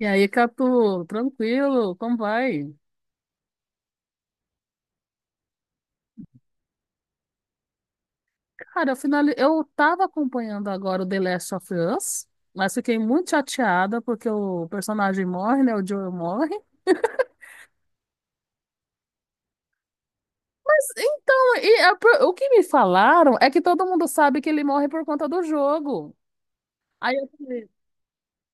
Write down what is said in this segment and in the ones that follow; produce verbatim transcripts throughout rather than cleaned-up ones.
E aí, Catu, tranquilo, como vai? Cara, eu, finali... eu tava acompanhando agora o The Last of Us, mas fiquei muito chateada porque o personagem morre, né? O Joel morre. Mas então, e a pro- o que me falaram é que todo mundo sabe que ele morre por conta do jogo. Aí eu falei,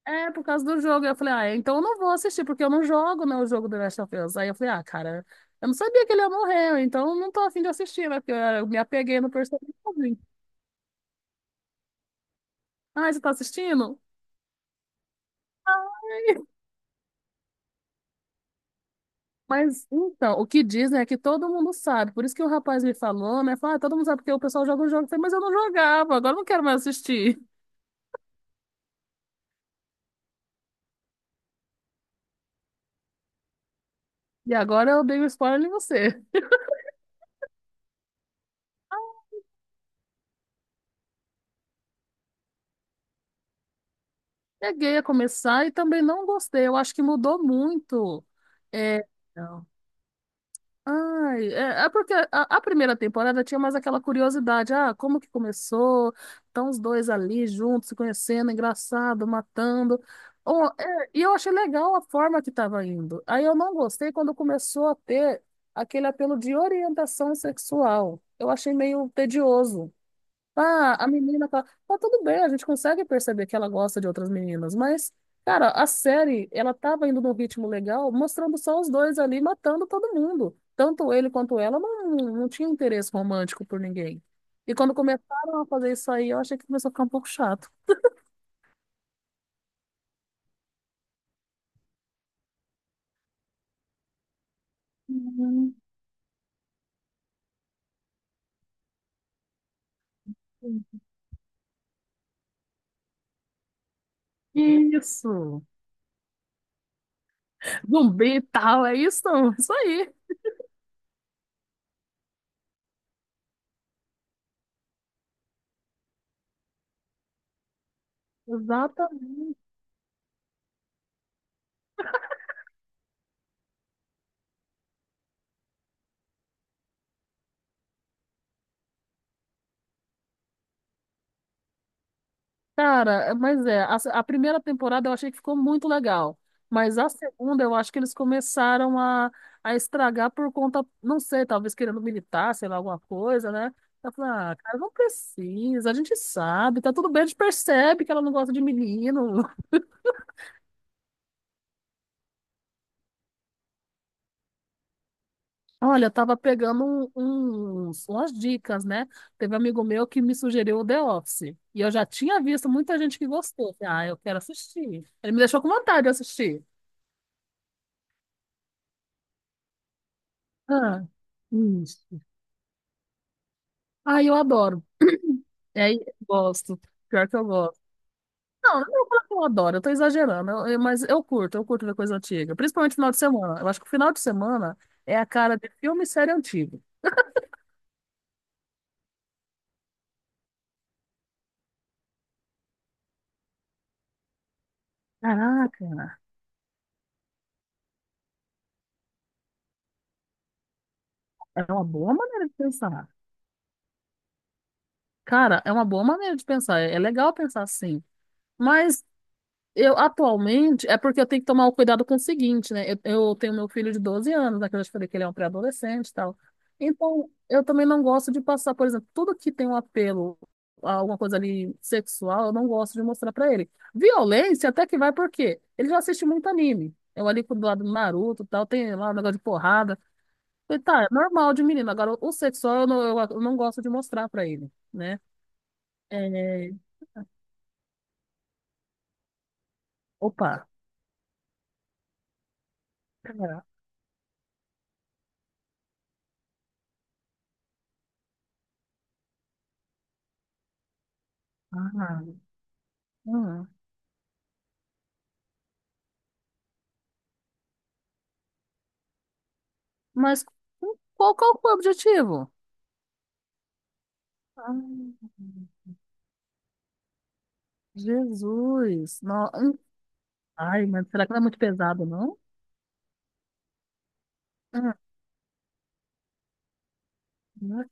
é, por causa do jogo. Aí eu falei, ah, então eu não vou assistir, porque eu não jogo, né, o jogo The Last of Us. Aí eu falei, ah, cara, eu não sabia que ele ia morrer, então eu não tô afim de assistir, né? Porque eu eu me apeguei no personagem. Ah, você tá assistindo? Mas então, o que dizem é que todo mundo sabe. Por isso que o rapaz me falou, né? Falou, ah, todo mundo sabe porque o pessoal joga um jogo. Eu falei, mas eu não jogava, agora eu não quero mais assistir. E agora eu dei o spoiler em você. Peguei a começar e também não gostei. Eu acho que mudou muito. É, ai, é, é porque a, a primeira temporada tinha mais aquela curiosidade, ah, como que começou? Estão os dois ali juntos, se conhecendo, engraçado, matando. Oh, é, e eu achei legal a forma que estava indo. Aí eu não gostei quando começou a ter aquele apelo de orientação sexual. Eu achei meio tedioso. Ah, a menina tá. Tá tudo bem, a gente consegue perceber que ela gosta de outras meninas, mas, cara, a série, ela tava indo num ritmo legal, mostrando só os dois ali matando todo mundo. Tanto ele quanto ela não, não tinha interesse romântico por ninguém. E quando começaram a fazer isso aí, eu achei que começou a ficar um pouco chato. Hum, Isso! Zumbi e tal, é isso? Isso aí! Exatamente. Cara, é- mas é, a, se- A primeira temporada eu achei que ficou muito legal, mas a segunda eu acho que eles começaram a, a estragar por conta, não sei, talvez querendo militar, sei lá, alguma coisa, né? Eu falei, ah, cara, não precisa, a gente sabe, tá tudo bem, a gente percebe que ela não gosta de menino. Olha, eu tava pegando um- uns, umas dicas, né? Teve um amigo meu que me sugeriu o The Office, e eu já tinha visto muita gente que gostou. Falei, ah, eu quero assistir. Ele me deixou com vontade de assistir. Ah, isso. Ai, eu adoro. É, eu gosto. Pior que eu gosto. Não, não vou falar que eu adoro, eu tô exagerando, eu- eu- mas eu curto, eu curto ver coisa antiga. Principalmente final de semana. Eu acho que o final de semana é a cara de filme e série antigo. Caraca, é uma boa maneira de pensar. Cara, é uma boa maneira de pensar. É é legal pensar assim. Mas eu atualmente, é porque eu tenho que tomar o cuidado com o seguinte, né? Eu, eu tenho meu filho de doze anos, né, que eu já te falei que ele é um pré-adolescente e tal. Então, eu também não gosto de passar, por exemplo, tudo que tem um apelo a alguma coisa ali sexual, eu não gosto de mostrar pra ele. Violência até que vai, por quê? Ele já assiste muito anime. Eu ali do lado do Naruto e tal, tem lá um negócio de porrada. Falei, tá, é normal de menino. Agora, o o sexual eu não, eu, eu não gosto de mostrar pra ele, né? É... Opa. Ah, ah, ah. Mas com- qual, qual foi o objetivo? Ah, Jesus. Não, hum, ai, mas será que não é muito pesado, não? Ah, não é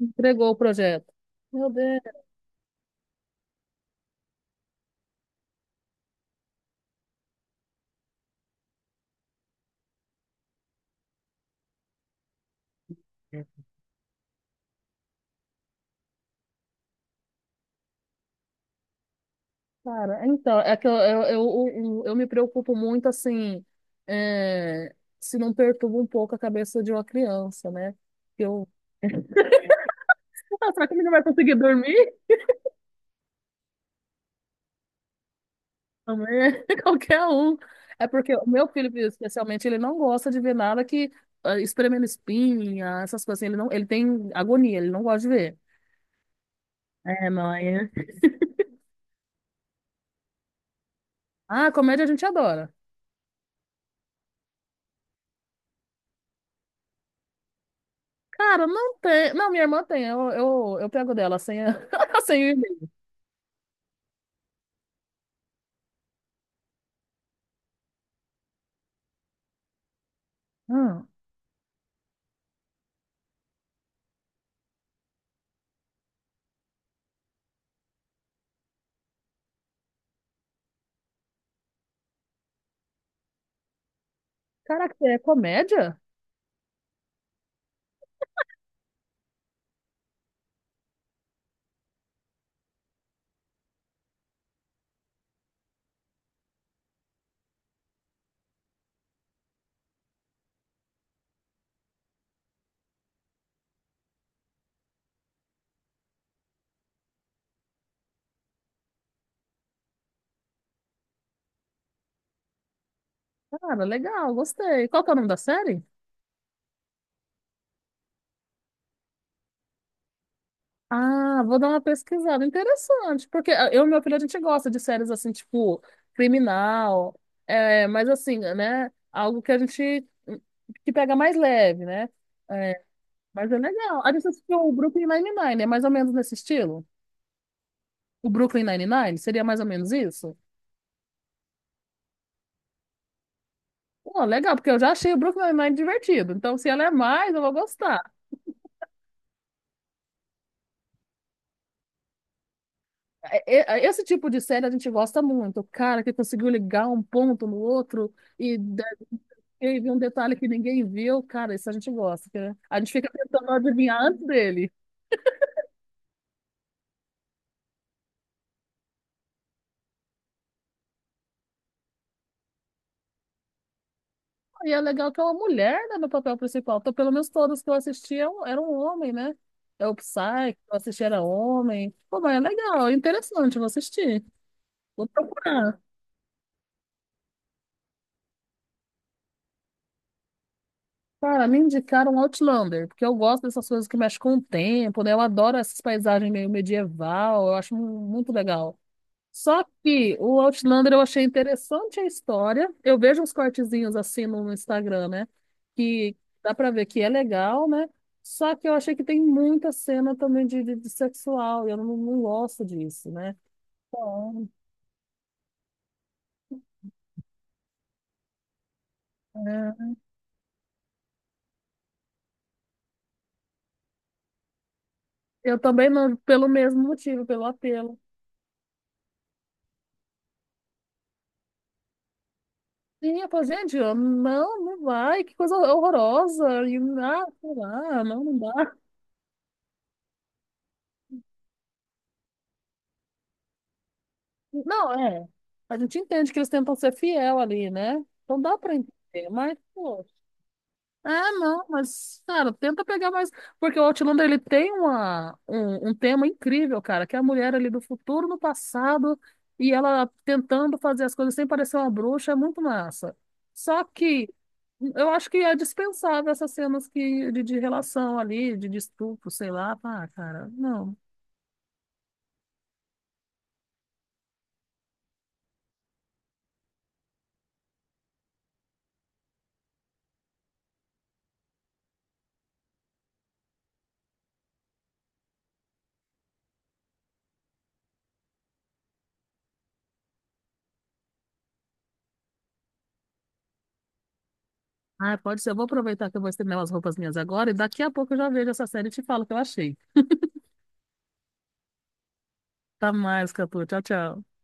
entregou o projeto. Meu Deus. Cara, então, é que eu, eu, eu, eu, eu me preocupo muito, assim, é, se não perturba um pouco a cabeça de uma criança, né? Eu, será que o menino vai conseguir dormir? Também, qualquer um. É porque o meu filho, especialmente, ele não gosta de ver nada que ah, espremendo espinha, essas coisas assim. Ele não, ele tem agonia, ele não gosta de ver. É, mãe. Ah, comédia a gente adora. Cara, não tem. Não, minha irmã tem. Eu, eu, eu pego dela sem, a- sem o e-mail. Ah, caraca, é comédia? Cara, legal, gostei. Qual que é o nome da série? Ah, vou dar uma pesquisada. Interessante, porque ah, eu e meu filho, a gente gosta de séries assim, tipo, criminal, é, mas assim, né? Algo que a gente que pega mais leve, né? É, mas é legal. A gente assistiu o Brooklyn Nine-Nine, é mais ou menos nesse estilo? O Brooklyn Nine-Nine, seria mais ou menos isso? Pô, legal, porque eu já achei o Brooklyn Nine-Nine divertido. Então, se ela é mais, eu vou gostar. É, é, é, esse tipo de série a gente gosta muito. O cara que conseguiu ligar um ponto no outro e eu vi um detalhe que ninguém viu, cara, isso a gente gosta, né? A gente fica tentando adivinhar antes dele. E é legal que é uma mulher, né, no papel principal. Então, pelo menos todos que eu assisti eram, eram um homem, né? É o Psy, que eu assisti era homem. Pô, mas é legal, é interessante, eu vou assistir. Vou procurar. Cara, me indicaram Outlander, porque eu gosto dessas coisas que mexem com o tempo, né? Eu adoro essas paisagens meio medieval, eu acho mu- muito legal. Só que o Outlander eu achei interessante a história. Eu vejo uns cortezinhos assim no Instagram, né? Que dá pra ver que é legal, né? Só que eu achei que tem muita cena também de, de, de sexual, e eu não, não gosto disso, né? Então, é, eu também não, pelo mesmo motivo, pelo apelo. Sim, eu falo, gente, eu, não, não vai, que coisa horrorosa, e, ah, sei lá, não, não dá. Não, é, a gente entende que eles tentam ser fiel ali, né? Então dá pra entender, mas, pô, ah, não, mas, cara, tenta pegar mais. Porque o Outlander, ele tem uma, um, um tema incrível, cara, que é a mulher ali do futuro no passado e ela tentando fazer as coisas sem parecer uma bruxa, é muito massa. Só que eu acho que é dispensável essas cenas que, de, de relação ali, de, de estupro, sei lá. Ah, cara, não. Ah, pode ser. Eu vou aproveitar que eu vou estender umas roupas minhas agora e daqui a pouco eu já vejo essa série e te falo o que eu achei. Tá mais, Catu. Tchau, tchau.